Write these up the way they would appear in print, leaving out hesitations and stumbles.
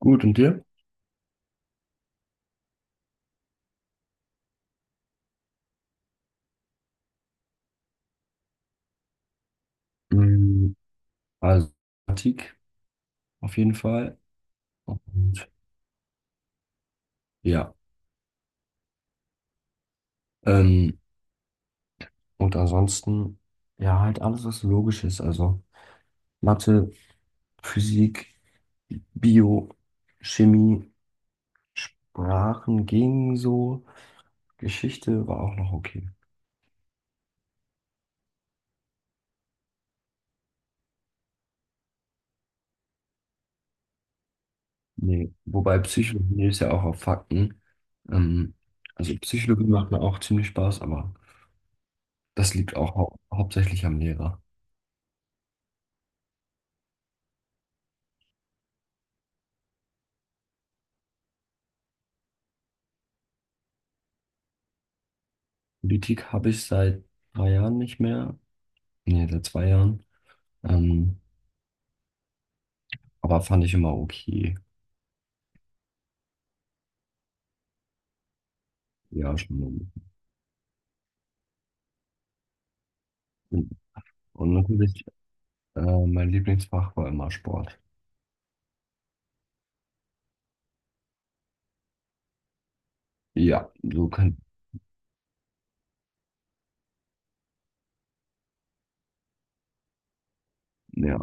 Gut, und dir? Mm, Also, Mathematik auf jeden Fall. Und ja, ähm, und ansonsten, ja, halt alles, was logisch ist. Also, Mathe, Physik, Bio, Chemie, Sprachen ging so. Geschichte war auch noch okay. Nee, wobei Psychologie ist ja auch auf Fakten. Ähm, also, Psychologie macht mir auch ziemlich Spaß, aber das liegt auch hauptsächlich am Lehrer. Politik habe ich seit 3 Jahren nicht mehr. Nee, seit 2 Jahren. Ähm, aber fand ich immer okay. Ja, schon. Und natürlich, mein Lieblingsfach war immer Sport. Ja, so kann, ja.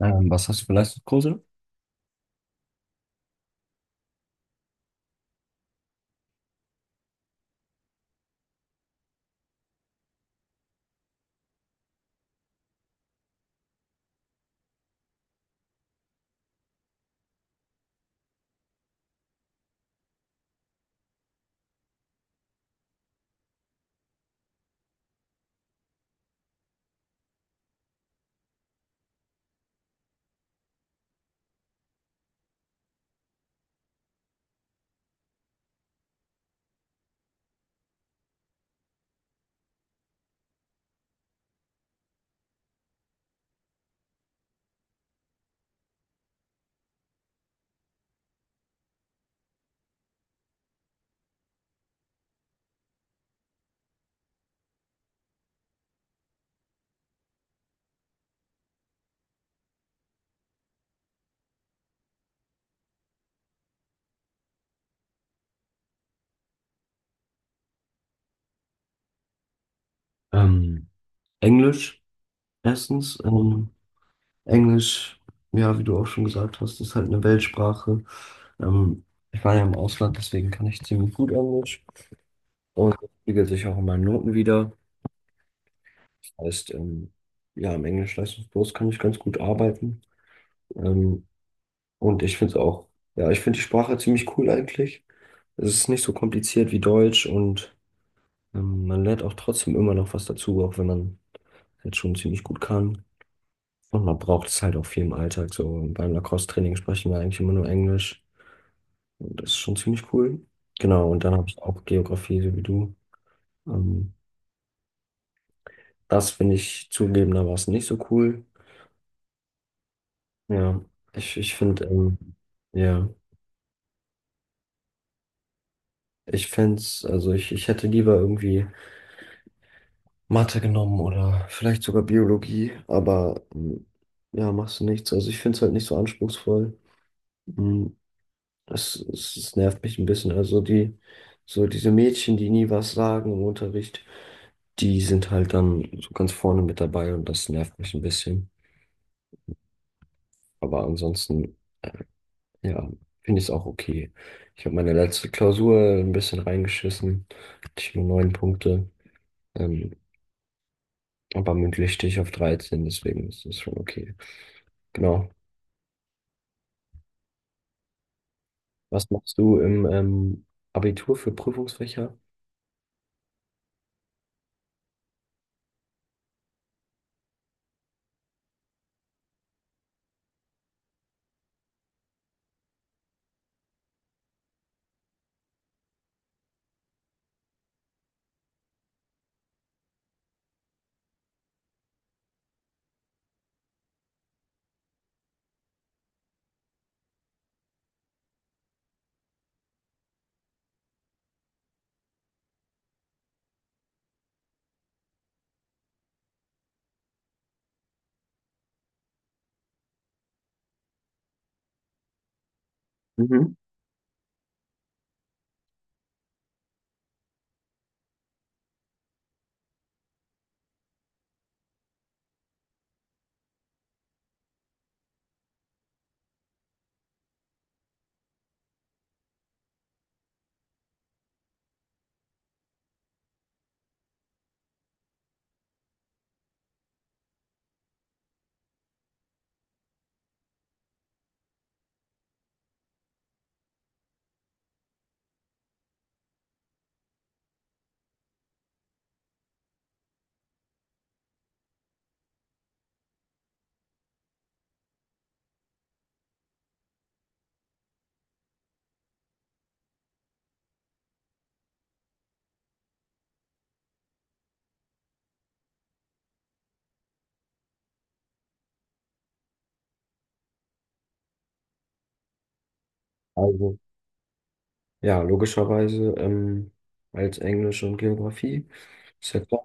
Was hast du für Leistungskurse? Ähm, Englisch, erstens. Englisch, ja, wie du auch schon gesagt hast, ist halt eine Weltsprache. Ähm, ich war ja im Ausland, deswegen kann ich ziemlich gut Englisch. Und das spiegelt sich auch in meinen Noten wieder. Das heißt, ja, im Englisch-Leistungskurs kann ich ganz gut arbeiten. Ähm, Und ich finde es auch, ja, ich finde die Sprache ziemlich cool eigentlich. Es ist nicht so kompliziert wie Deutsch und man lernt auch trotzdem immer noch was dazu, auch wenn man halt schon ziemlich gut kann. Und man braucht es halt auch viel im Alltag. So beim Lacrosse-Training sprechen wir eigentlich immer nur Englisch. Und das ist schon ziemlich cool. Genau, und dann habe ich auch Geografie, so wie du. Ähm, das finde ich zugegebenermaßen nicht so cool. Ja, ich finde, ja, ich fände es, also ich hätte lieber irgendwie. Mathe genommen oder vielleicht sogar Biologie, aber ja, machst du nichts. Also ich finde es halt nicht so anspruchsvoll. Mm, es nervt mich ein bisschen. Also die, so diese Mädchen, die nie was sagen im Unterricht, die sind halt dann so ganz vorne mit dabei und das nervt mich ein bisschen. Aber ansonsten, äh, ja, finde ich es auch okay. Ich habe meine letzte Klausur ein bisschen reingeschissen, hatte ich nur neun Punkte, ähm, aber mündlich stehe ich auf 13. Deswegen ist das schon okay. Genau. Was machst du im Abitur für Prüfungsfächer? Mhm. Also, ja, logischerweise als Englisch und Geografie, ist ja klar.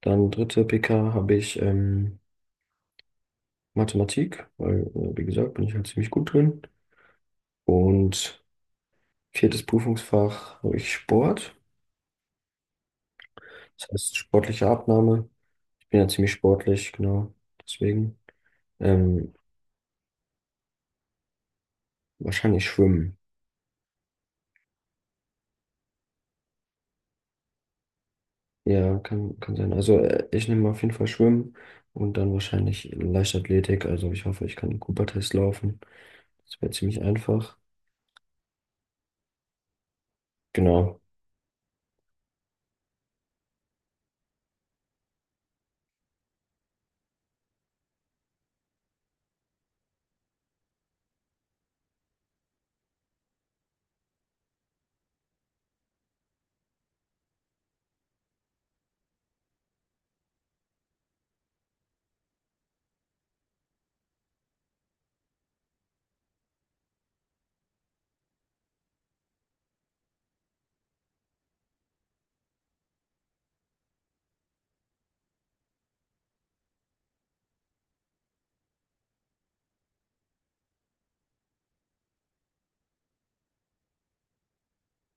Dann dritte PK habe ich Mathematik, weil, wie gesagt, bin ich halt ziemlich gut drin. Und viertes Prüfungsfach habe ich Sport, das heißt sportliche Abnahme. Ich bin ja ziemlich sportlich, genau, deswegen. Ähm, wahrscheinlich Schwimmen. Ja, kann sein. Also ich nehme auf jeden Fall Schwimmen und dann wahrscheinlich Leichtathletik. Also ich hoffe, ich kann den Cooper-Test laufen. Das wäre ziemlich einfach. Genau.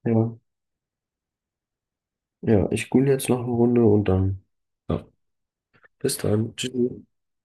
Ja. Ja, ich google jetzt noch eine Runde und dann. Ja. Bis dann. Tschüss.